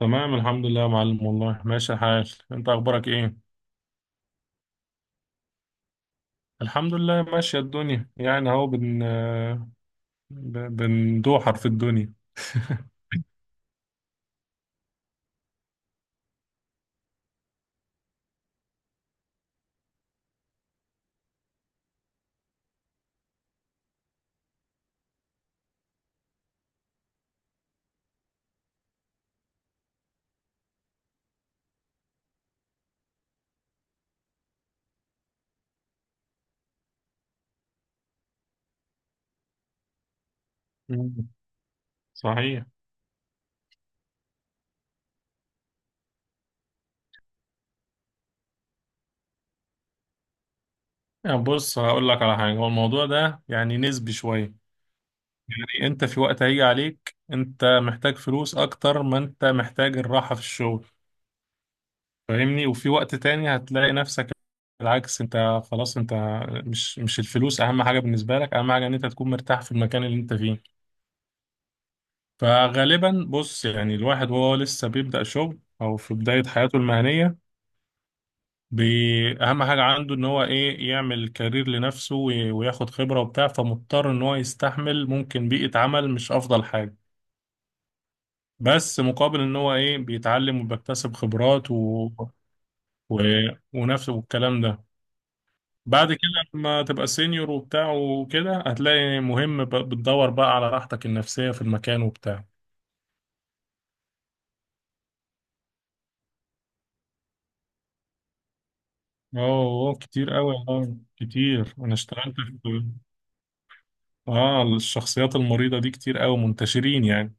تمام الحمد لله يا معلم، والله ماشي الحال. انت اخبارك ايه؟ الحمد لله ماشية الدنيا، يعني بندوحر في الدنيا مم. صحيح. يعني بص، هقول لك على حاجة، هو الموضوع ده يعني نسبي شوية. يعني انت في وقت هيجي عليك انت محتاج فلوس اكتر ما انت محتاج الراحة في الشغل، فاهمني؟ وفي وقت تاني هتلاقي نفسك بالعكس، انت خلاص انت مش الفلوس اهم حاجة بالنسبة لك، اهم حاجة ان انت تكون مرتاح في المكان اللي انت فيه. فغالبا بص، يعني الواحد وهو لسه بيبدأ شغل أو في بداية حياته المهنية، أهم حاجة عنده إن هو إيه، يعمل كارير لنفسه وياخد خبرة وبتاع، فمضطر إن هو يستحمل ممكن بيئة عمل مش أفضل حاجة، بس مقابل إن هو إيه، بيتعلم وبيكتسب خبرات و... و... ونفسه والكلام ده. بعد كده لما تبقى سينيور وبتاع وكده، هتلاقي مهم بتدور بقى على راحتك النفسية في المكان وبتاع. اه كتير قوي، اه كتير، انا اشتغلت. في، اه الشخصيات المريضة دي كتير قوي، منتشرين يعني.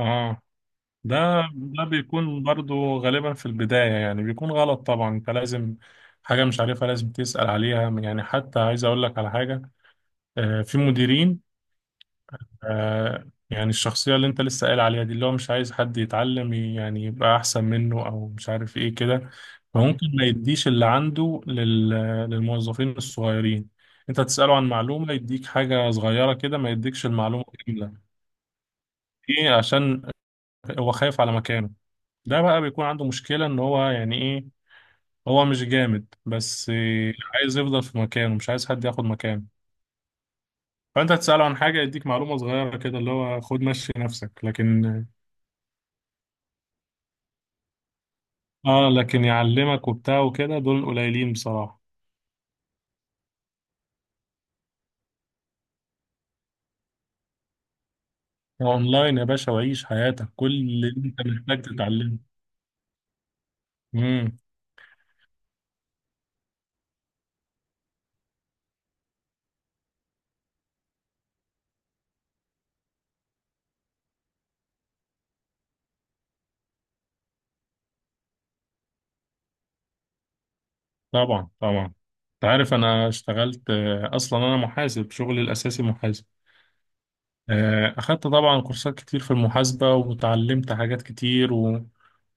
اه. ده ده بيكون برضو غالبا في البداية، يعني بيكون غلط طبعا، انت لازم حاجة مش عارفها لازم تسأل عليها. يعني حتى عايز اقول لك على حاجة، آه، في مديرين. آه، يعني الشخصية اللي انت لسه قايل عليها دي، اللي هو مش عايز حد يتعلم يعني يبقى أحسن منه، أو مش عارف ايه كده. مم. فممكن ما يديش اللي عنده لل... للموظفين الصغيرين. انت تسأله عن معلومة يديك حاجة صغيرة كده، ما يديكش المعلومة كاملة. ايه؟ عشان هو خايف على مكانه. ده بقى بيكون عنده مشكلة ان هو يعني ايه، هو مش جامد بس، عايز يفضل في مكانه، مش عايز حد ياخد مكانه. فانت تسأله عن حاجة يديك معلومة صغيرة كده، اللي هو خد مشي نفسك، لكن اه لكن يعلمك وبتاع وكده دول قليلين بصراحة. اونلاين يا باشا، وعيش حياتك، كل اللي انت محتاج تتعلمه. امم. طبعا طبعا. انت عارف انا اشتغلت، اصلا انا محاسب، شغلي الاساسي محاسب. اخدت طبعا كورسات كتير في المحاسبة وتعلمت حاجات كتير و...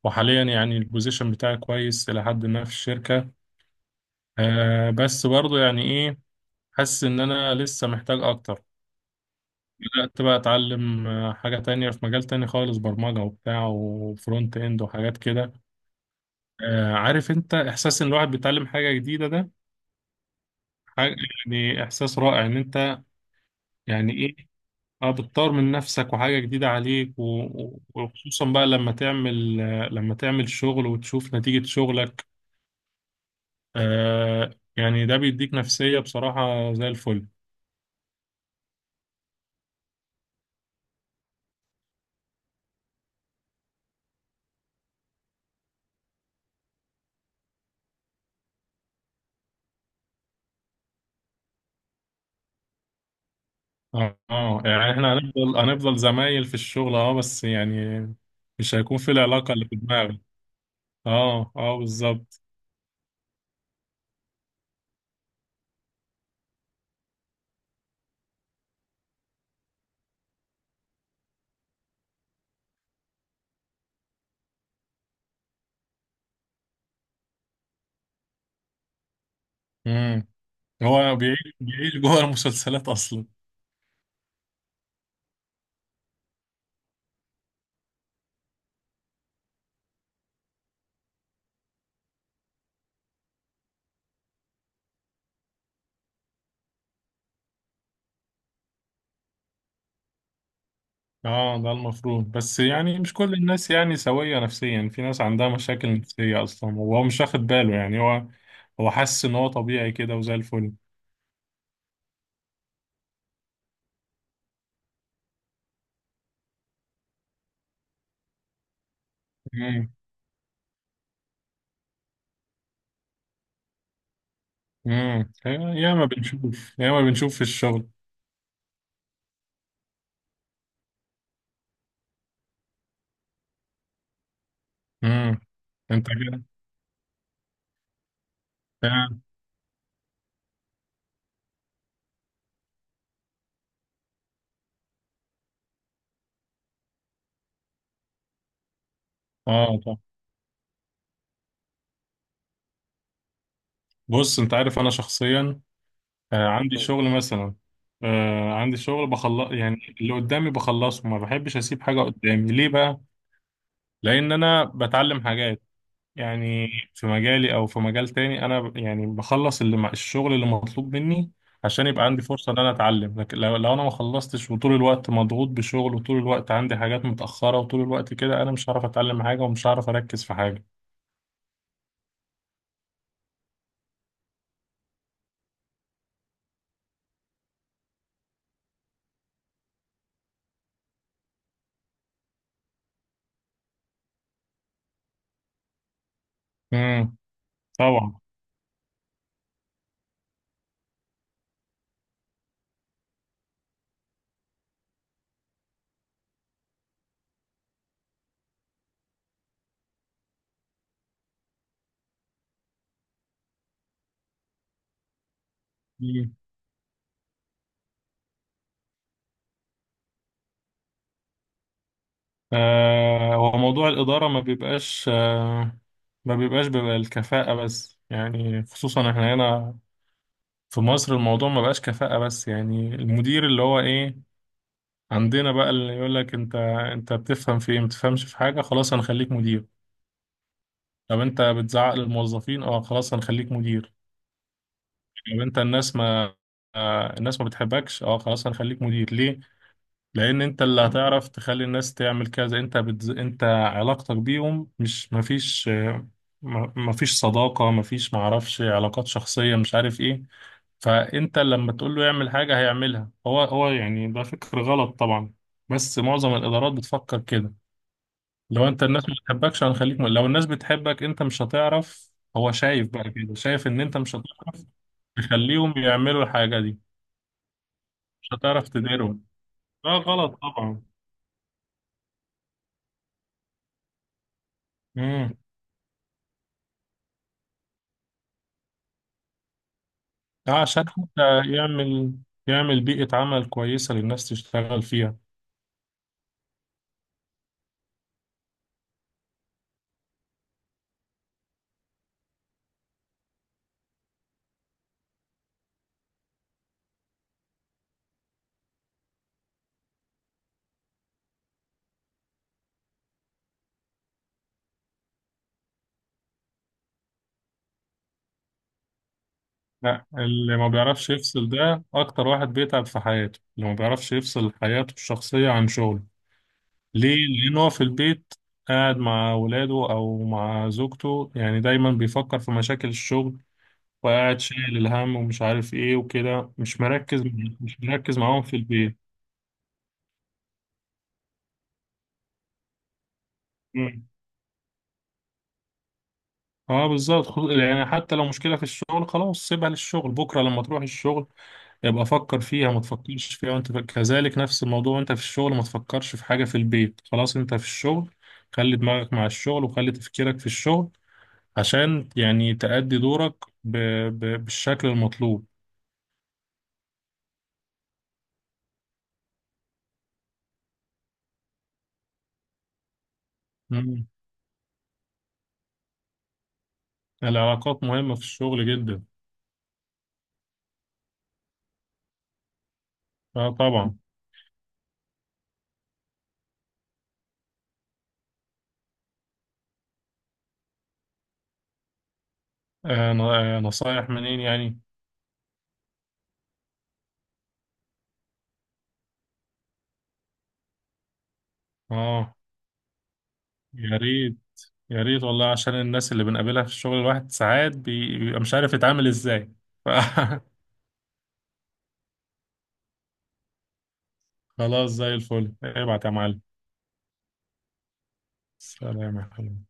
وحاليا يعني البوزيشن بتاعي كويس الى حد ما في الشركة. بس برضو يعني ايه، حاسس ان انا لسه محتاج اكتر. بدأت بقى أتعلم حاجة تانية في مجال تاني خالص، برمجة وبتاع وفرونت إند وحاجات كده. عارف أنت إحساس إن الواحد بيتعلم حاجة جديدة ده؟ حاجة، يعني إحساس رائع، إن أنت يعني إيه، أه بتطور من نفسك وحاجة جديدة عليك وخصوصا بقى لما تعمل، لما تعمل شغل وتشوف نتيجة شغلك. آه، يعني ده بيديك نفسية بصراحة زي الفل. اه يعني احنا هنفضل زمايل في الشغل اه، بس يعني مش هيكون في العلاقة اللي في دماغك. اه اه بالظبط. امم. هو بيعيش جوه المسلسلات اصلا. اه ده المفروض، بس يعني مش كل الناس يعني سوية نفسيا، في ناس عندها مشاكل نفسية اصلا وهو مش واخد باله. يعني هو، هو حاسس ان هو طبيعي كده وزي الفل. امم. امم، يا ما بنشوف، يا ما بنشوف في الشغل. امم. انت كده، اه. آه، طب بص، انت عارف انا شخصيا عندي شغل مثلا، عندي شغل بخلص، يعني اللي قدامي بخلصه، ما بحبش اسيب حاجة قدامي. ليه بقى؟ لان انا بتعلم حاجات، يعني في مجالي او في مجال تاني. يعني بخلص اللي مع الشغل اللي مطلوب مني عشان يبقى عندي فرصة ان انا اتعلم. لكن لو انا ما خلصتش وطول الوقت مضغوط بشغل، وطول الوقت عندي حاجات متأخرة، وطول الوقت كده، انا مش هعرف اتعلم حاجة، ومش هعرف اركز في حاجة. امم. طبعا. هو موضوع الإدارة ما بيبقاش، بيبقى الكفاءة بس، يعني خصوصا احنا هنا في مصر، الموضوع ما بقاش كفاءة بس. يعني المدير اللي هو ايه عندنا بقى، اللي يقول لك انت بتفهم في ايه، ما بتفهمش في حاجة، خلاص هنخليك مدير. طب انت بتزعق للموظفين؟ اه، خلاص هنخليك مدير. طب انت الناس ما، الناس ما بتحبكش؟ اه، خلاص هنخليك مدير. ليه؟ لان انت اللي هتعرف تخلي الناس تعمل كذا. انت بتز... انت علاقتك بيهم مش مفيش، مفيش صداقة، مفيش معرفش علاقات شخصية، مش عارف ايه. فانت لما تقول له يعمل حاجة هيعملها. هو يعني ده فكر غلط طبعا، بس معظم الادارات بتفكر كده. لو انت الناس ما بتحبكش هنخليك م... لو الناس بتحبك انت مش هتعرف. هو شايف بقى كده، شايف ان انت مش هتعرف تخليهم يعملوا الحاجة دي، مش هتعرف تديرهم. ده غلط طبعا. مم. اه عشان حتى يعمل، يعمل بيئة عمل كويسة للناس تشتغل فيها. لا، اللي ما بيعرفش يفصل ده أكتر واحد بيتعب في حياته، اللي ما بيعرفش يفصل حياته الشخصية عن شغله. ليه؟ لأن هو في البيت قاعد مع ولاده أو مع زوجته، يعني دايما بيفكر في مشاكل الشغل، وقاعد شايل الهم ومش عارف إيه وكده، مش مركز، مش مركز معاهم في البيت. مم. اه بالظبط. يعني حتى لو مشكلة في الشغل، خلاص سيبها للشغل، بكرة لما تروح الشغل يبقى فكر فيها، ما تفكرش فيها وانت في... كذلك نفس الموضوع وانت في الشغل، ما تفكرش في حاجة في البيت، خلاص انت في الشغل، خلي دماغك مع الشغل وخلي تفكيرك في الشغل عشان يعني تأدي دورك ب... ب... بالشكل المطلوب. مم. العلاقات مهمة في الشغل جدا. اه طبعا. آه نصايح منين يعني؟ اه يا ريت، يا ريت والله، عشان الناس اللي بنقابلها في الشغل الواحد ساعات بيبقى مش عارف يتعامل ازاي ف... خلاص زي الفل، ابعت يا معلم. سلام يا حبيبي.